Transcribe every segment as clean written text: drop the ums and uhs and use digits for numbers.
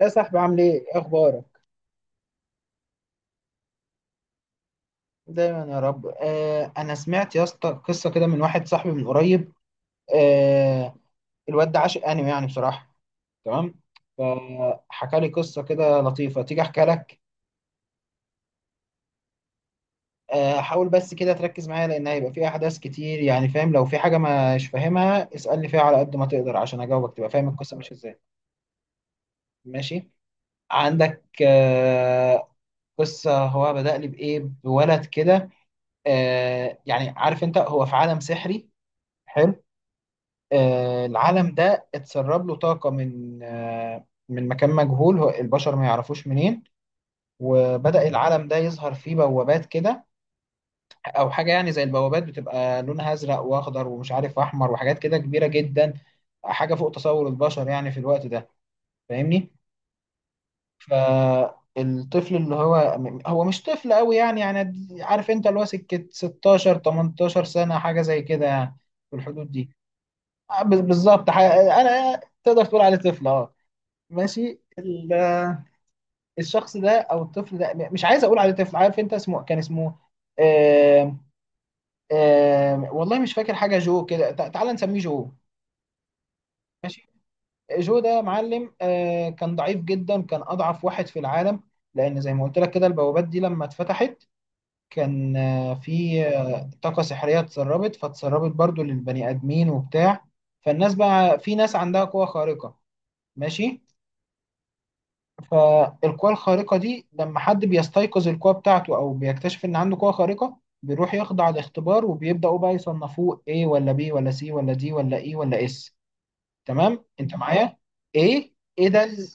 يا صاحبي عامل ايه؟ إيه اخبارك؟ دايما يا رب. انا سمعت يا اسطى قصه كده من واحد صاحبي من قريب. آه الواد ده عاشق انمي يعني بصراحه. تمام، فحكى لي قصه كده لطيفه، تيجي احكي لك. حاول بس كده تركز معايا، لان هيبقى في احداث كتير، يعني فاهم لو في حاجه مش فاهمها اسالني فيها على قد ما تقدر عشان اجاوبك تبقى فاهم القصه ماشيه ازاي. ماشي، عندك قصه. هو بدأ لي بايه؟ بولد كده، يعني عارف انت، هو في عالم سحري. حلو، العالم ده اتسرب له طاقة من من مكان مجهول البشر ما يعرفوش منين. وبدأ العالم ده يظهر فيه بوابات كده، أو حاجة يعني زي البوابات، بتبقى لونها أزرق وأخضر ومش عارف أحمر وحاجات كده كبيرة جدا، حاجة فوق تصور البشر يعني في الوقت ده. فاهمني؟ فالطفل اللي هو، هو مش طفل قوي يعني عارف أنت اللي هو سكة 16 18 سنة حاجة زي كده يعني، في الحدود دي. بالظبط، أنا تقدر تقول عليه طفل اه. ماشي، الشخص ده او الطفل ده مش عايز اقول عليه طفل. عارف انت اسمه كان اسمه آم، آم، والله مش فاكر حاجه. جو كده، تعال نسميه جو. ماشي، جو ده معلم، كان ضعيف جدا، كان اضعف واحد في العالم. لان زي ما قلت لك كده البوابات دي لما اتفتحت كان في طاقه سحريه اتسربت، فاتسربت برضو للبني ادمين وبتاع. فالناس بقى في ناس عندها قوه خارقه. ماشي، فالقوى الخارقة دي لما حد بيستيقظ القوة بتاعته أو بيكتشف إن عنده قوة خارقة بيروح يخضع لاختبار، وبيبدأوا بقى يصنفوه A ولا B ولا C ولا D ولا E ولا S. تمام؟ أنت معايا؟ A، إيه ده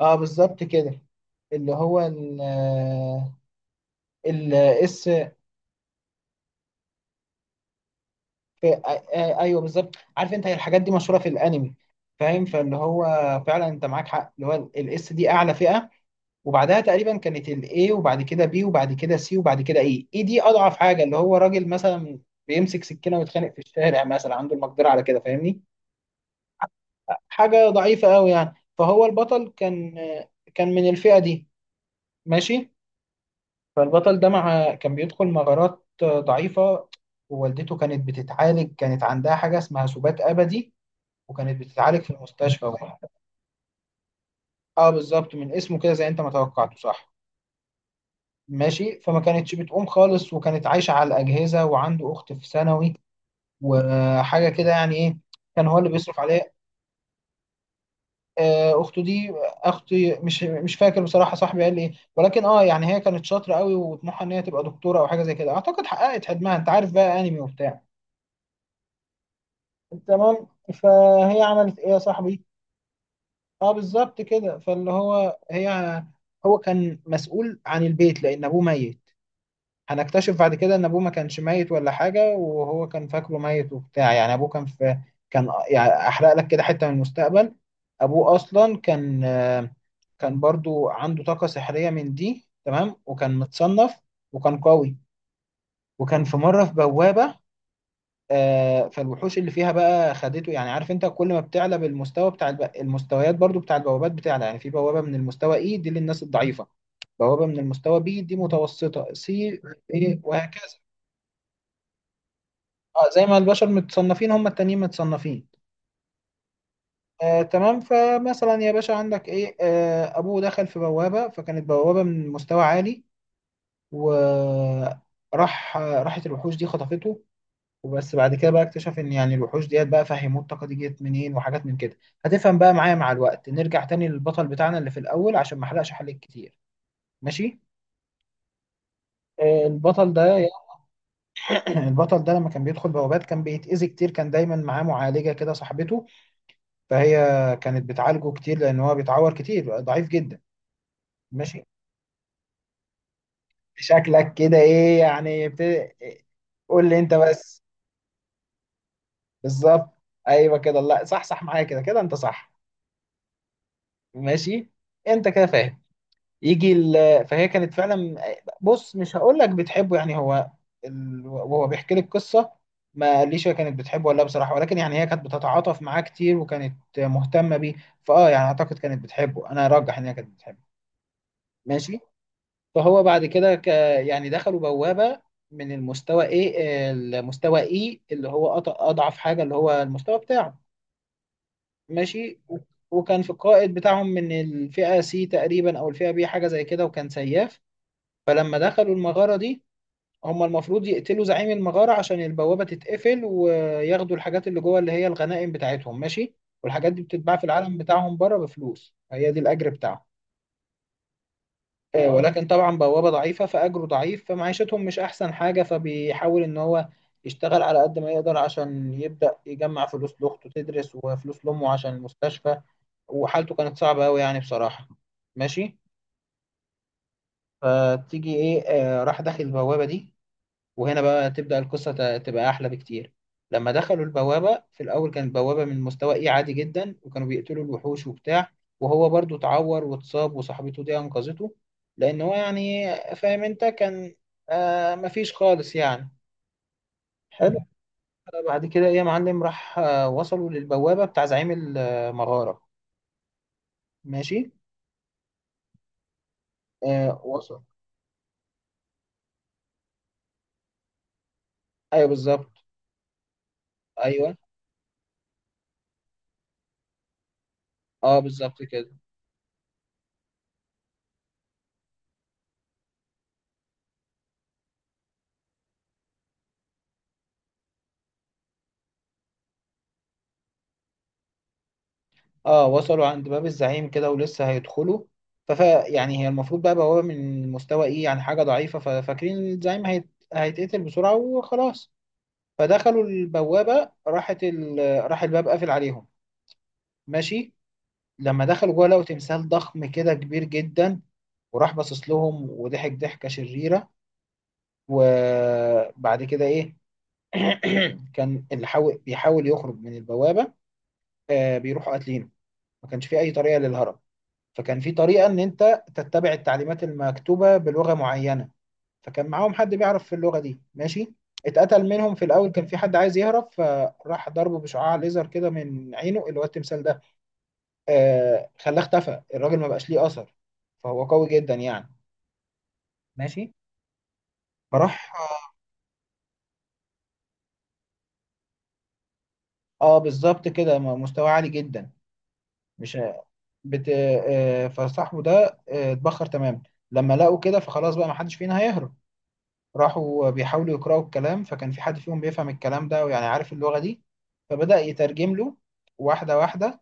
اه بالظبط كده. اللي هو ال، ال اس، في ايوه بالظبط، عارف انت هي الحاجات دي مشهوره في الانمي. فاهم؟ فاللي هو فعلا انت معاك حق، اللي هو الاس دي اعلى فئه، وبعدها تقريبا كانت الاي، وبعد كده بي، وبعد كده سي، وبعد كده اي. اي دي اضعف حاجه، اللي هو راجل مثلا بيمسك سكينه ويتخانق في الشارع مثلا عنده المقدره على كده، فاهمني؟ حاجه ضعيفه قوي يعني. فهو البطل كان، كان من الفئه دي. ماشي، فالبطل ده مع كان بيدخل مغارات ضعيفه، ووالدته كانت بتتعالج، كانت عندها حاجه اسمها سبات ابدي، وكانت بتتعالج في المستشفى. اه بالظبط، من اسمه كده، زي انت ما توقعته صح. ماشي، فما كانتش بتقوم خالص، وكانت عايشة على الأجهزة، وعنده أخت في ثانوي وحاجة كده يعني إيه. كان هو اللي بيصرف عليه. أخته دي، أختي مش فاكر بصراحة صاحبي قال لي إيه، ولكن أه يعني هي كانت شاطرة قوي وطموحها إن هي تبقى دكتورة أو حاجة زي كده، أعتقد حققت حلمها. أنت عارف بقى أنمي وبتاع. تمام، فهي عملت إيه يا صاحبي؟ أه بالظبط كده. فاللي هو هي، هو كان مسؤول عن البيت لأن أبوه ميت. هنكتشف بعد كده ان ابوه ما كانش ميت ولا حاجه، وهو كان فاكره ميت وبتاع. يعني ابوه كان في، كان يعني احرق لك كده حته من المستقبل. ابوه اصلا كان، كان برضو عنده طاقه سحريه من دي، تمام، وكان متصنف وكان قوي، وكان في مره في بوابه. فالوحوش اللي فيها بقى خدته. يعني عارف انت، كل ما بتعلى بالمستوى بتاع المستويات، برضو بتاع البوابات بتعلى، يعني في بوابه من المستوى اي دي للناس الضعيفه، بوابه من المستوى بي دي متوسطه، سي ايه، وهكذا. اه، زي ما البشر متصنفين هم التانيين متصنفين. تمام. فمثلا يا باشا، عندك ايه، ابوه دخل في بوابة، فكانت بوابة من مستوى عالي، وراح راحت الوحوش دي خطفته. وبس بعد كده بقى اكتشف ان يعني الوحوش ديت بقى فهموه الطاقة دي جت منين، وحاجات من كده هتفهم بقى معايا مع الوقت. نرجع تاني للبطل بتاعنا اللي في الاول عشان ما احرقش حلقة كتير. ماشي، البطل ده. البطل ده لما كان بيدخل بوابات كان بيتأذي كتير. كان دايما معاه معالجة كده، صاحبته. فهي كانت بتعالجه كتير لان هو بيتعور كتير، ضعيف جدا. ماشي، شكلك كده ايه يعني قول لي انت بس. بالظبط، ايوه كده، لا صح، صح، معايا كده كده، انت صح. ماشي، انت كده فاهم. يجي فهي كانت فعلا، بص مش هقول لك بتحبه يعني. هو وهو بيحكي لي القصه ما قاليش هي كانت بتحبه ولا لا بصراحه، ولكن يعني هي كانت بتتعاطف معاه كتير وكانت مهتمه بيه. فاه يعني اعتقد كانت بتحبه. انا ارجح ان هي كانت بتحبه. ماشي، فهو بعد كده يعني دخلوا بوابة من المستوى ايه، المستوى اي، اللي هو اضعف حاجة، اللي هو المستوى بتاعه. ماشي، وكان في القائد بتاعهم من الفئة سي تقريبا او الفئة بي حاجة زي كده، وكان سياف. فلما دخلوا المغارة دي، هم المفروض يقتلوا زعيم المغارة عشان البوابة تتقفل، وياخدوا الحاجات اللي جوه اللي هي الغنائم بتاعتهم، ماشي. والحاجات دي بتتباع في العالم بتاعهم بره بفلوس، هي دي الأجر بتاعهم. ولكن طبعا بوابة ضعيفة فأجره ضعيف، فمعيشتهم مش أحسن حاجة. فبيحاول إن هو يشتغل على قد ما يقدر عشان يبدأ يجمع فلوس لأخته تدرس، وفلوس لأمه عشان المستشفى. وحالته كانت صعبة أوي يعني بصراحة. ماشي، فتيجي إيه، راح داخل البوابة دي. وهنا بقى تبدأ القصة تبقى أحلى بكتير. لما دخلوا البوابة في الأول كانت بوابة من مستوى إيه، عادي جدا، وكانوا بيقتلوا الوحوش وبتاع. وهو برضو اتعور واتصاب وصاحبته دي أنقذته، لأن هو يعني فاهم أنت كان مفيش خالص يعني. حلو. بعد كده إيه يا معلم، راح وصلوا للبوابة بتاع زعيم المغارة. ماشي، وصل. أيوه بالظبط. أيوه أه بالظبط كده. اه وصلوا عند باب الزعيم كده ولسه هيدخلوا. فف يعني هي المفروض بقى بوابة من مستوى ايه، يعني حاجة ضعيفة، ففاكرين الزعيم هيتقتل بسرعة وخلاص. فدخلوا البوابة راحت راح الباب قافل عليهم. ماشي، لما دخلوا جوه لقوا تمثال ضخم كده كبير جدا، وراح باصص لهم وضحك ضحكة شريرة. وبعد كده ايه. كان اللي حاول بيحاول يخرج من البوابة بيروحوا قاتلينه. ما كانش في اي طريقة للهرب. فكان في طريقة إن أنت تتبع التعليمات المكتوبة بلغة معينة، فكان معاهم حد بيعرف في اللغة دي. ماشي، اتقتل منهم في الأول، كان في حد عايز يهرب فراح ضربه بشعاع ليزر كده من عينه، اللي هو التمثال ده. خلاه اختفى الراجل، ما بقاش ليه أثر. فهو قوي جدا يعني. ماشي، فراح اه بالظبط كده، مستوى عالي جدا، مش بت... فصاحبه ده اتبخر تمام. لما لقوا كده فخلاص بقى ما حدش فينا هيهرب. راحوا بيحاولوا يقرأوا الكلام، فكان في حد فيهم بيفهم الكلام ده، ويعني عارف اللغة دي، فبدأ يترجم له واحدة واحدة.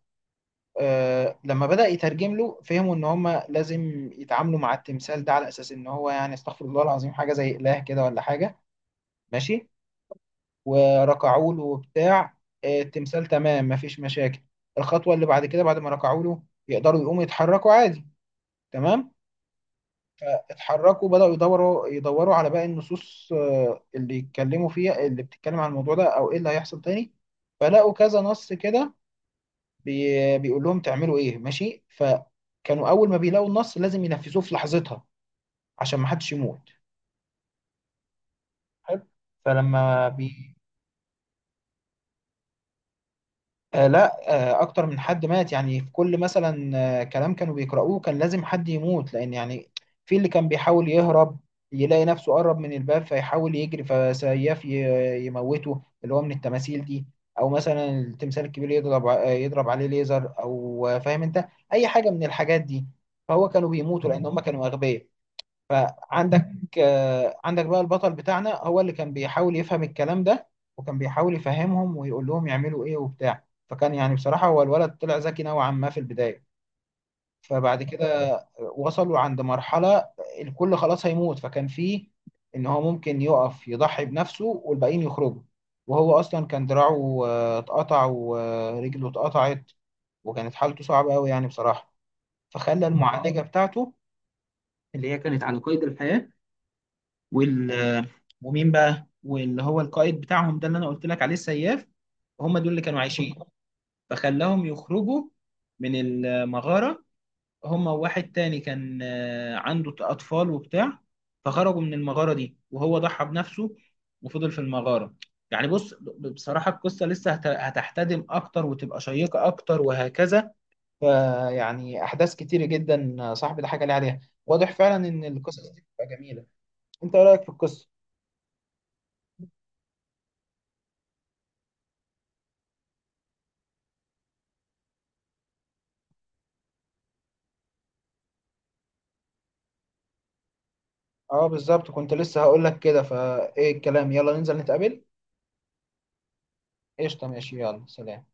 لما بدأ يترجم له فهموا إن هما لازم يتعاملوا مع التمثال ده على أساس إن هو يعني، استغفر الله العظيم، حاجة زي إله كده ولا حاجة. ماشي، وركعوا له وبتاع. التمثال تمام مفيش مشاكل. الخطوة اللي بعد كده بعد ما ركعوا له، يقدروا يقوموا يتحركوا عادي. تمام، اتحركوا، بدأوا يدوروا على باقي النصوص، اللي يتكلموا فيها، اللي بتتكلم عن الموضوع ده او ايه اللي هيحصل تاني. فلقوا كذا نص كده بي بيقول لهم تعملوا ايه، ماشي. فكانوا اول ما بيلاقوا النص لازم ينفذوه في لحظتها، عشان ما حدش يموت. حلو، فلما بي لا، اكتر من حد مات يعني. في كل مثلا كلام كانوا بيقرأوه كان لازم حد يموت، لان يعني في اللي كان بيحاول يهرب، يلاقي نفسه قرب من الباب فيحاول يجري، فسياف يموته، اللي هو من التماثيل دي. او مثلا التمثال الكبير يضرب يضرب عليه ليزر، او فاهم انت اي حاجة من الحاجات دي. فهو كانوا بيموتوا لان هم كانوا اغبياء. فعندك عندك بقى البطل بتاعنا هو اللي كان بيحاول يفهم الكلام ده، وكان بيحاول يفهمهم ويقول لهم يعملوا ايه وبتاع. فكان يعني بصراحة هو الولد طلع ذكي نوعا ما في البداية. فبعد كده وصلوا عند مرحلة الكل خلاص هيموت، فكان فيه ان هو ممكن يقف يضحي بنفسه والباقيين يخرجوا. وهو اصلا كان دراعه اتقطع، ورجله اتقطعت، وكانت حالته صعبة قوي يعني بصراحة. فخلى المعالجة بتاعته اللي هي كانت على قيد الحياة، وال ومين بقى واللي هو القائد بتاعهم ده اللي انا قلت لك عليه السياف، هم دول اللي كانوا عايشين. فخلاهم يخرجوا من المغارة، هم وواحد تاني كان عنده أطفال وبتاع. فخرجوا من المغارة دي وهو ضحى بنفسه، وفضل في المغارة. يعني بص بصراحة القصة لسه هتحتدم أكتر وتبقى شيقة أكتر وهكذا. فيعني أحداث كتيرة جدا صاحبي ده حاجة ليه عليها. واضح فعلا إن القصص دي بتبقى جميلة. أنت إيه رأيك في القصة؟ اه بالظبط كنت لسه هقول لك كده. فايه الكلام، يلا ننزل نتقابل. قشطة، ماشي، يلا سلام.